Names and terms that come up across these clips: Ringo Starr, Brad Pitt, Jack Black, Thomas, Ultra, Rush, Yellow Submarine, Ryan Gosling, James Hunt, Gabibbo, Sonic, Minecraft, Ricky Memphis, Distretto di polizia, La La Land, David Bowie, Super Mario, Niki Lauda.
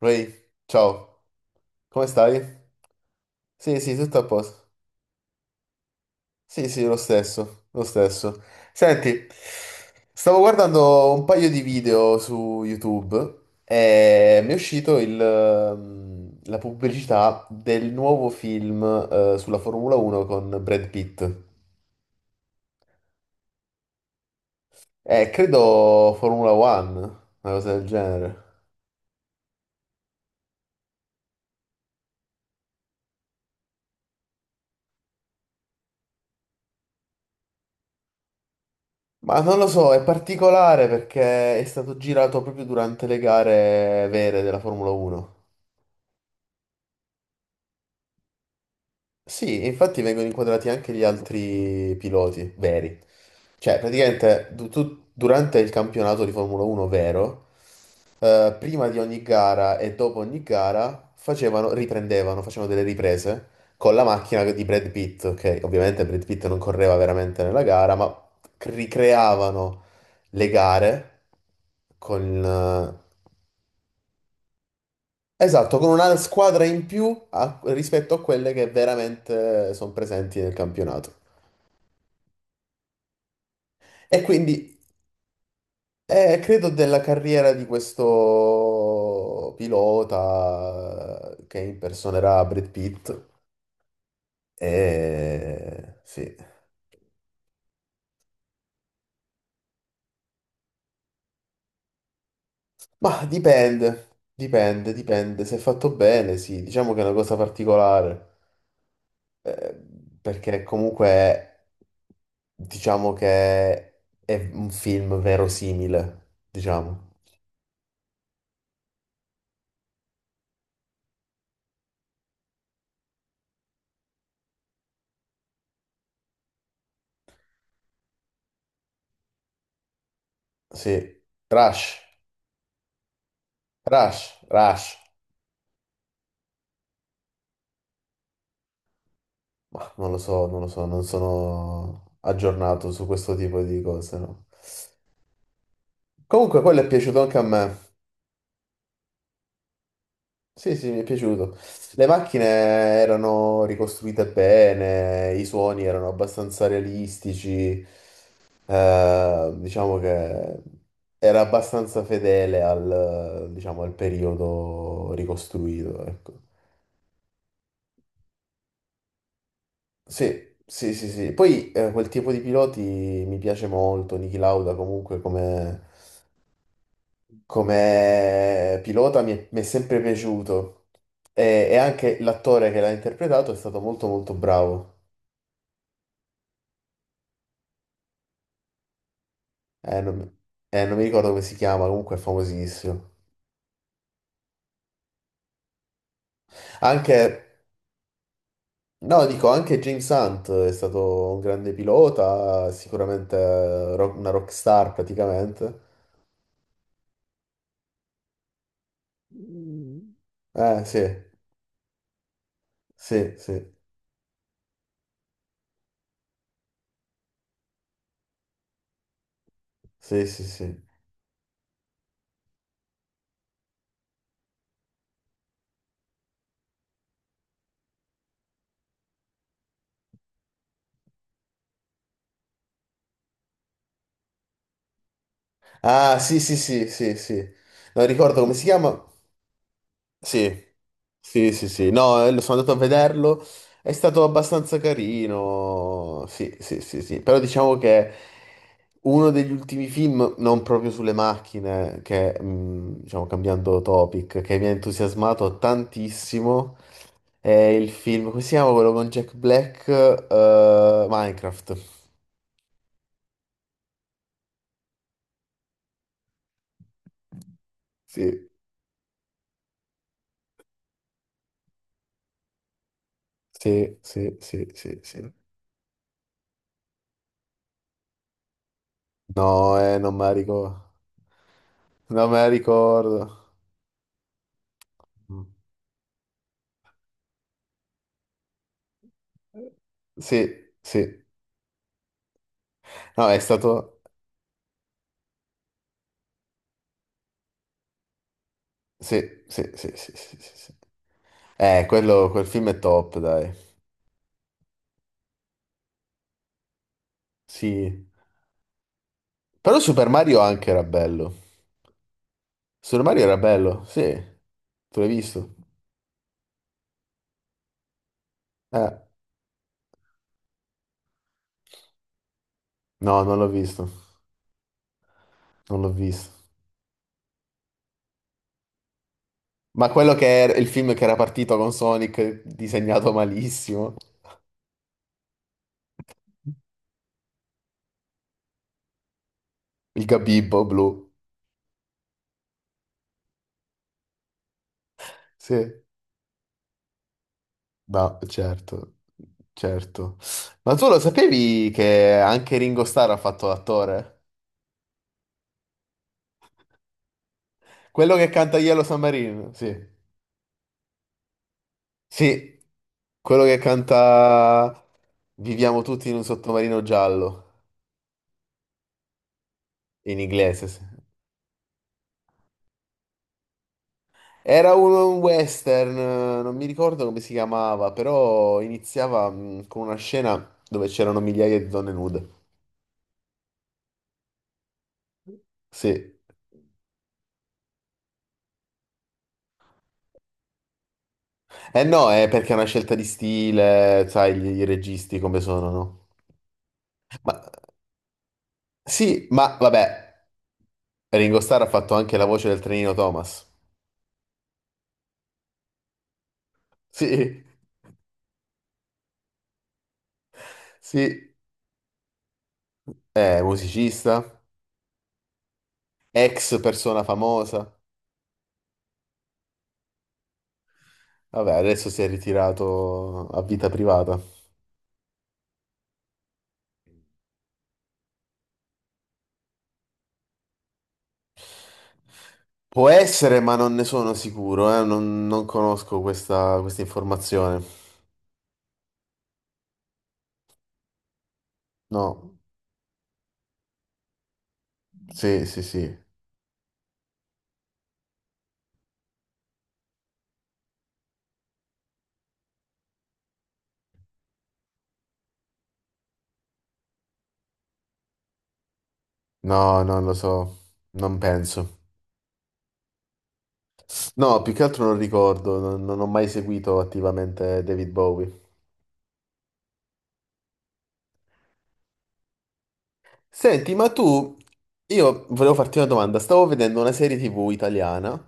Ray, ciao, come stai? Sì, sì, tutto a posto. Sì, sì, lo stesso, lo stesso. Senti, stavo guardando un paio di video su YouTube e mi è uscito la pubblicità del nuovo film, sulla Formula 1 con Brad Pitt. Credo Formula One, una cosa del genere. Ma non lo so, è particolare perché è stato girato proprio durante le gare vere della Formula 1. Sì, e infatti vengono inquadrati anche gli altri piloti veri. Cioè, praticamente durante il campionato di Formula 1 vero, prima di ogni gara e dopo ogni gara facevano, riprendevano, facevano delle riprese con la macchina di Brad Pitt, che ovviamente Brad Pitt non correva veramente nella gara, ma ricreavano le gare con... eh, Esatto, con una squadra in più rispetto a quelle che veramente sono presenti nel campionato. E quindi credo della carriera di questo pilota che impersonerà Brad Pitt. Sì. Ma dipende, dipende, dipende. Se è fatto bene, sì, diciamo che è una cosa particolare. eh, Perché comunque diciamo che è un film verosimile, diciamo. Sì. Rush, Rush, Rush. Bah, non lo so, non lo so, non sono aggiornato su questo tipo di cose, no. Comunque, quello è piaciuto anche a me. Sì, sì, mi è piaciuto. Le macchine erano ricostruite bene, i suoni erano abbastanza realistici, diciamo che era abbastanza fedele diciamo, al periodo ricostruito, ecco. Sì, sì, sì, sì. Poi quel tipo di piloti mi piace molto, Niki Lauda comunque come pilota mi è sempre piaciuto e anche l'attore che l'ha interpretato è stato molto molto bravo. Eh, non, mi Non mi ricordo come si chiama, comunque è famosissimo. Anche, no, dico, anche James Hunt è stato un grande pilota, sicuramente una rockstar praticamente. Mm. Sì, sì, sì, sì, sì, sì. Ah, sì, sì, sì, sì, sì. Non ricordo come si chiama. Sì, sì, sì, sì, no, lo sono andato a vederlo, è stato abbastanza carino, sì, sì, sì, sì, però diciamo che uno degli ultimi film, non proprio sulle macchine, che, diciamo, cambiando topic, che mi ha entusiasmato tantissimo, è il film, come si chiama quello con Jack Black, Minecraft, sì, sì, sì, sì, sì, sì, no, non me la ricordo, non me la ricordo. Mm. Sì, sì. No, è stato. Sì, sì, sì, sì, sì, sì, sì. Quel film è top, dai. Sì. Però Super Mario anche era bello. Super Mario era bello, sì. Tu l'hai visto? Eh, no, non l'ho visto. Non l'ho visto. Ma quello che era il film che era partito con Sonic, disegnato malissimo. Il Gabibbo blu. Sì. No, certo. Certo. Ma tu lo sapevi che anche Ringo Starr ha fatto l'attore? Quello che canta Yellow Submarine, sì. Sì, quello che canta viviamo tutti in un sottomarino giallo, in inglese. Sì. Era un western, non mi ricordo come si chiamava, però iniziava con una scena dove c'erano migliaia di donne nude. Sì. Eh no, è perché è una scelta di stile, sai, i registi come sono, no? Ma sì, ma vabbè, Ringo Starr ha fatto anche la voce del trenino Thomas. Sì, sì, è musicista. Ex persona famosa. Vabbè, adesso si è ritirato a vita privata. Può essere, ma non ne sono sicuro, non conosco questa informazione. No, sì, sì, sì. No, non lo so. Non penso. No, più che altro non ricordo, non ho mai seguito attivamente David Bowie. Senti, io volevo farti una domanda. Stavo vedendo una serie TV italiana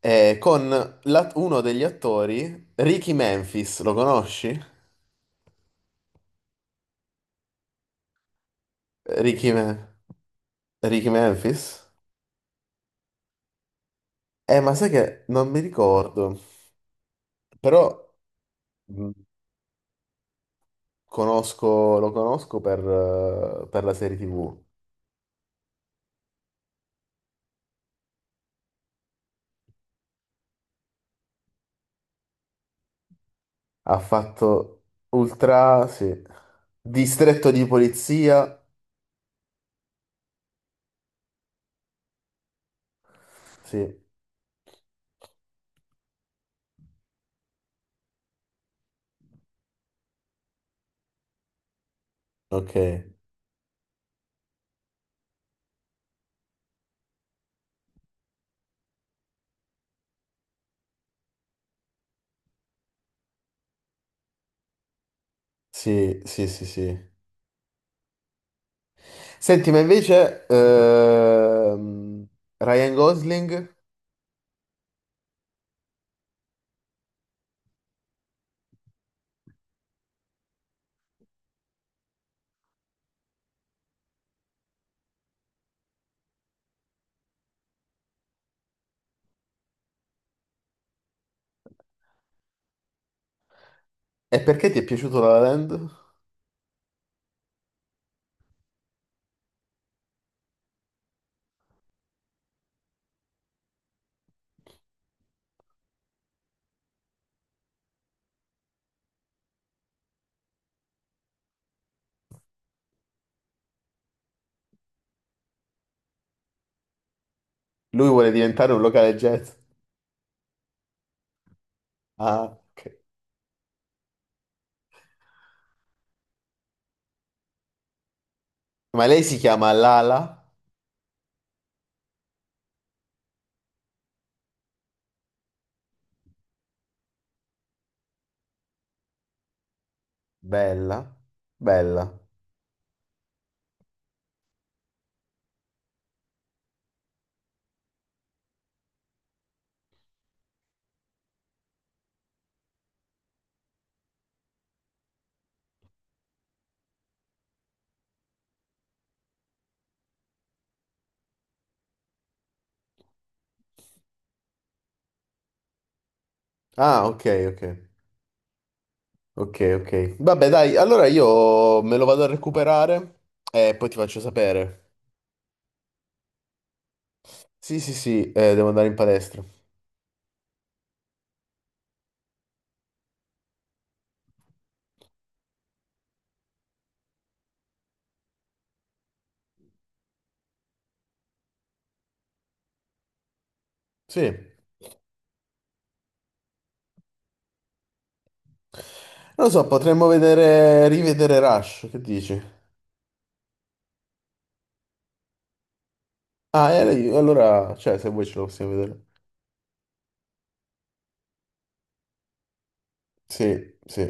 con uno degli attori, Ricky Memphis, lo conosci? Ricky Me. Ricky Memphis? Ma sai che non mi ricordo, però mh, lo conosco per la serie TV. Ha fatto Ultra, sì. Distretto di polizia, sì. Ok, sì, sì, sì, sì. Senti, ma invece Ryan Gosling. E perché ti è piaciuto La La Land? Lui vuole diventare un locale jazz. Ah, ok. Ma lei si chiama Lala? Bella, bella. Ah, ok, ok, ok, ok. Vabbè, dai, allora io me lo vado a recuperare e poi ti faccio sapere. Sì, sì, sì, devo andare in palestra. Sì. Non lo so, potremmo vedere, rivedere Rush, che dici? Ah, e allora, cioè, se vuoi ce lo possiamo vedere. Sì, sì,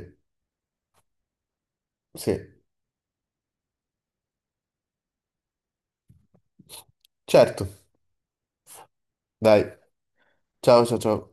sì. Certo, dai. Ciao, ciao, ciao.